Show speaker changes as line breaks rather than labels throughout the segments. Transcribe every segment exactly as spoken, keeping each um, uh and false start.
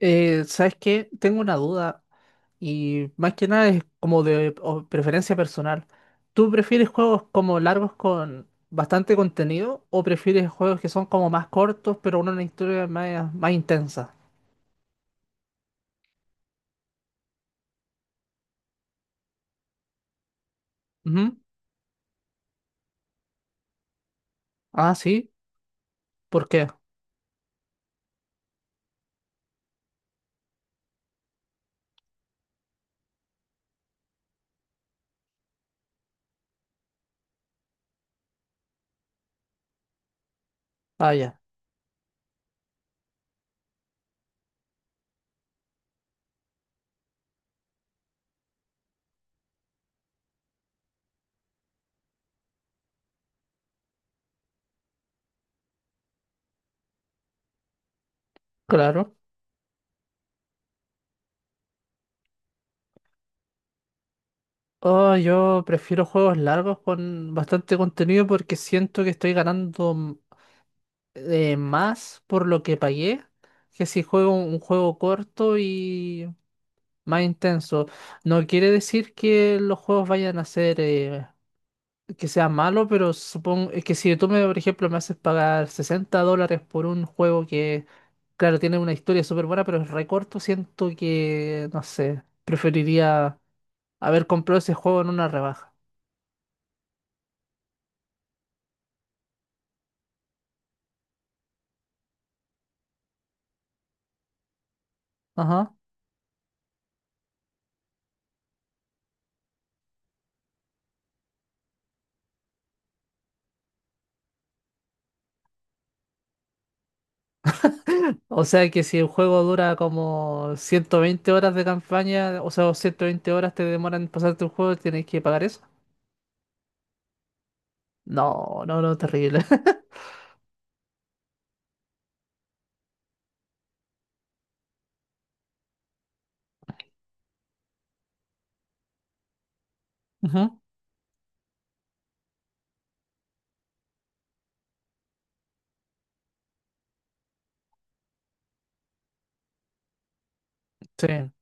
Eh, ¿sabes qué? Tengo una duda y más que nada es como de o- preferencia personal. ¿Tú prefieres juegos como largos con bastante contenido o prefieres juegos que son como más cortos pero con una historia más, más intensa? Ujú. Ah, sí. ¿Por qué? Ah, ya. Claro. Oh, yo prefiero juegos largos con bastante contenido porque siento que estoy ganando mm, eh, más por lo que pagué que si juego un juego corto y más intenso. No quiere decir que los juegos vayan a ser, eh, que sean malos, pero supongo es que si tú, me, por ejemplo, me haces pagar sesenta dólares por un juego que, claro, tiene una historia súper buena, pero es re corto, siento que, no sé, preferiría haber comprado ese juego en una rebaja. Ajá. O sea que si el juego dura como ciento veinte horas de campaña, o sea, ciento veinte horas te demoran en pasarte el juego, tienes que pagar eso. No, no, no, terrible. Ujú. Sí.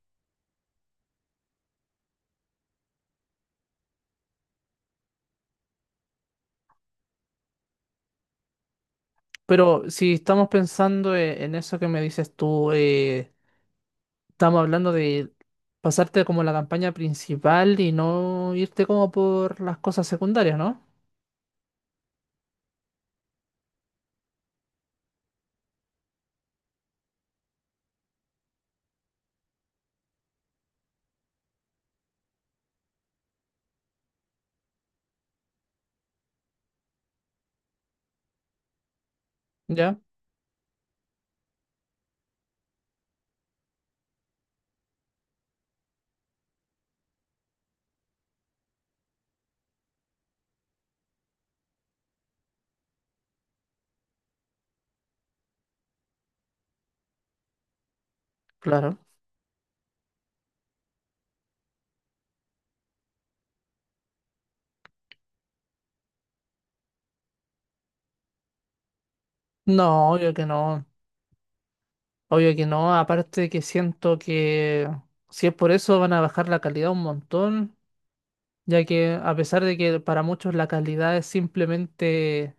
Pero si estamos pensando eh, en eso que me dices tú, eh, estamos hablando de pasarte como la campaña principal y no irte como por las cosas secundarias, ¿no? ¿Ya? Claro. No, obvio que no. Obvio que no. Aparte que siento que si es por eso van a bajar la calidad un montón, ya que a pesar de que para muchos la calidad es simplemente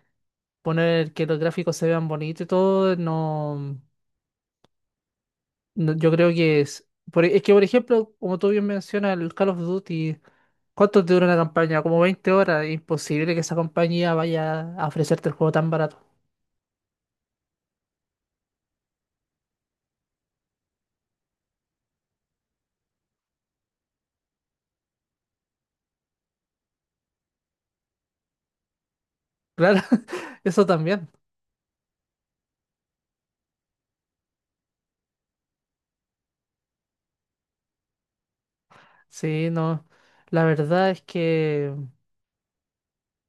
poner que los gráficos se vean bonitos y todo, no. No, yo creo que es. por- e, es que, por ejemplo, como tú bien mencionas, el Call of Duty, ¿cuánto te dura una campaña? Como veinte horas. Imposible que esa compañía vaya a ofrecerte el juego tan barato. Claro, eso también. Sí, no. La verdad es que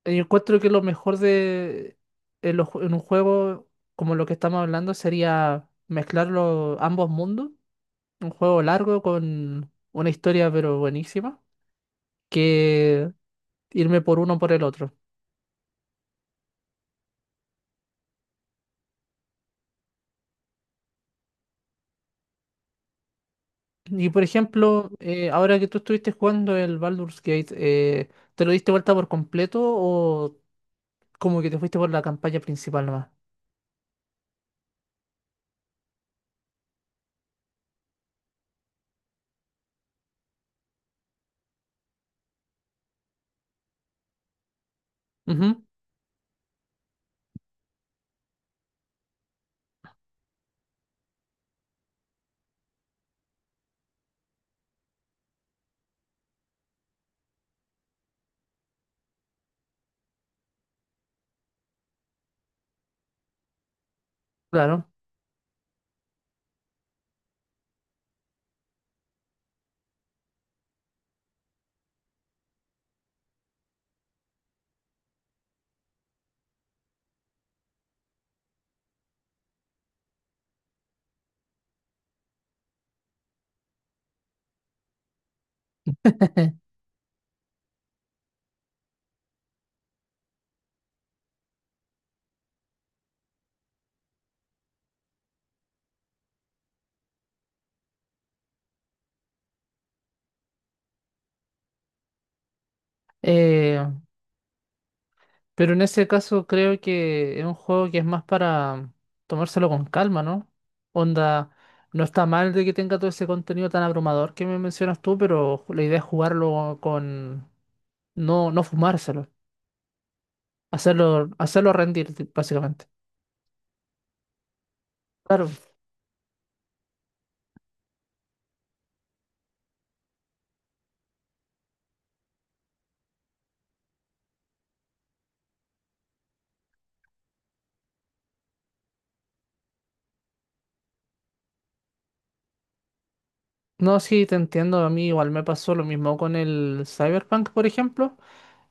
eh, yo encuentro que lo mejor de en, los ju- en un juego como lo que estamos hablando sería mezclar los- ambos mundos. Un juego largo con una historia pero buenísima. Que irme por uno por el otro. Y por ejemplo, eh, ahora que tú estuviste jugando el Baldur's Gate, eh, ¿te lo diste vuelta por completo o como que te fuiste por la campaña principal nomás? Ujú, claro. Eh, pero en ese caso creo que es un juego que es más para tomárselo con calma, ¿no? Onda, no está mal de que tenga todo ese contenido tan abrumador que me mencionas tú, pero la idea es jugarlo con no, no fumárselo, hacerlo, hacerlo rendir, básicamente. Claro. No, sí, te entiendo. A mí igual me pasó lo mismo con el Cyberpunk, por ejemplo.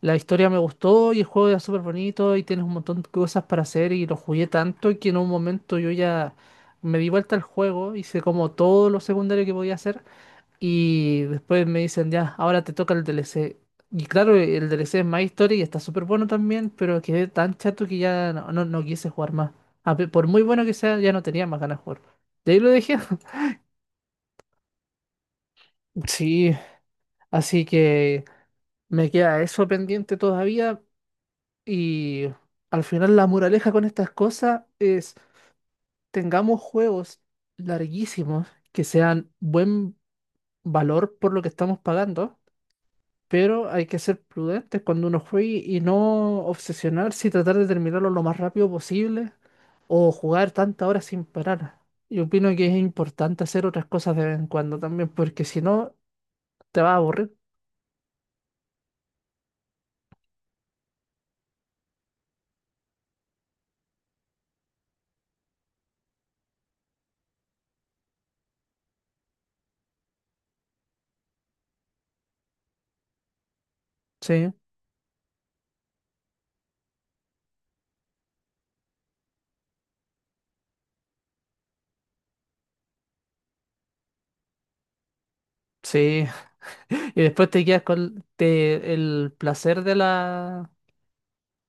La historia me gustó y el juego era súper bonito y tienes un montón de cosas para hacer y lo jugué tanto que en un momento yo ya me di vuelta al juego, hice como todo lo secundario que podía hacer y después me dicen ya, ahora te toca el D L C. Y claro, el D L C es más historia y está súper bueno también, pero quedé tan chato que ya no, no, no quise jugar más. A pe- Por muy bueno que sea, ya no tenía más ganas de jugar. De ahí lo dejé. Sí, así que... Me queda eso pendiente todavía y al final la moraleja con estas cosas es tengamos juegos larguísimos que sean buen valor por lo que estamos pagando, pero hay que ser prudentes cuando uno juegue y no obsesionarse y tratar de terminarlo lo más rápido posible o jugar tantas horas sin parar. Yo opino que es importante hacer otras cosas de vez en cuando también porque si no te vas a aburrir. Sí, sí. Y después te quedas con te- el placer de la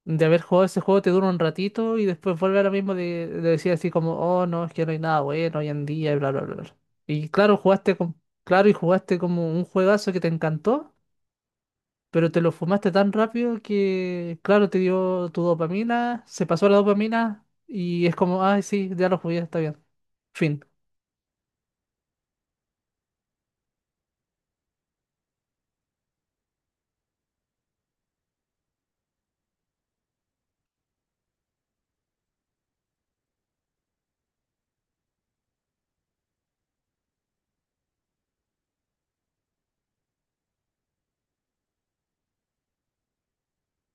de haber jugado ese juego, te dura un ratito y después vuelve a lo mismo de, de decir así como, oh no, es que no hay nada bueno hoy en día y bla bla bla. bla". Y claro, jugaste con, claro, y jugaste como un juegazo que te encantó, pero te lo fumaste tan rápido que, claro, te dio tu dopamina, se pasó la dopamina y es como, ay sí, ya lo jugué, está bien. Fin.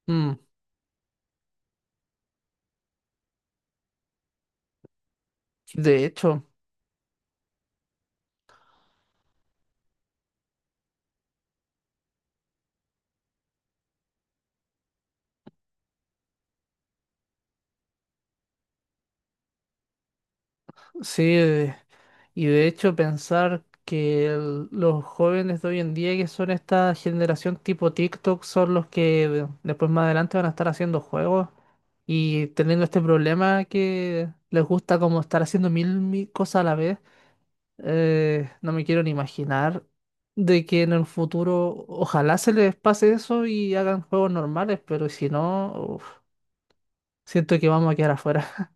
Mm. De hecho, sí. Y de hecho pensar que el- los jóvenes de hoy en día, que son esta generación tipo TikTok, son los que de- después más adelante van a estar haciendo juegos y teniendo este problema que les gusta como estar haciendo mil, mil cosas a la vez, eh, no me quiero ni imaginar de que en el futuro ojalá se les pase eso y hagan juegos normales, pero si no, uf, siento que vamos a quedar afuera.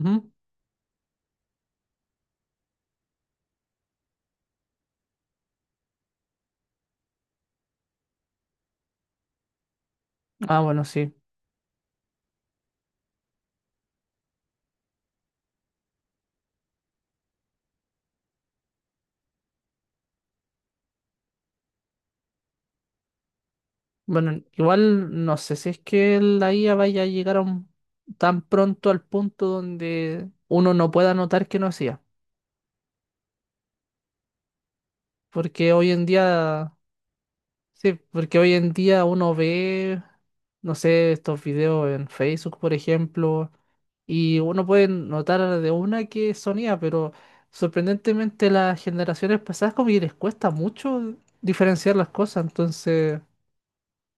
Ujú. Ah, bueno, sí. Bueno, igual no sé si es que la I A vaya a llegar a un- tan pronto al punto donde uno no pueda notar que no es I A. Porque hoy en día, sí, porque hoy en día uno ve, no sé, estos videos en Facebook, por ejemplo, y uno puede notar de una que son I A, pero sorprendentemente las generaciones pasadas como que les cuesta mucho diferenciar las cosas, entonces...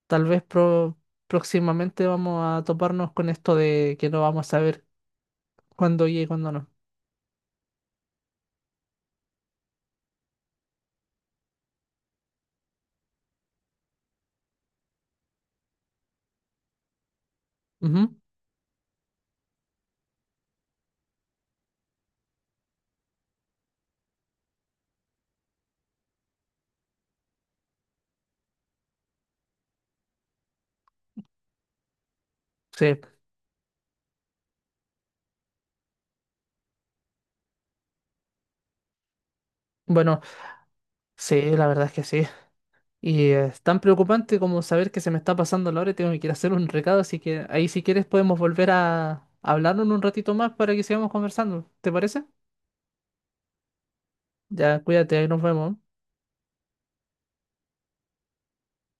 Tal vez pro- próximamente vamos a toparnos con esto de que no vamos a saber cuándo y cuándo no. Ujú. Sí, bueno, sí, la verdad es que sí. Y eh, es tan preocupante como saber que se me está pasando la hora y tengo que ir a hacer un recado, así que ahí si quieres podemos volver a hablarnos un ratito más para que sigamos conversando. ¿Te parece? Ya, cuídate, ahí nos vemos.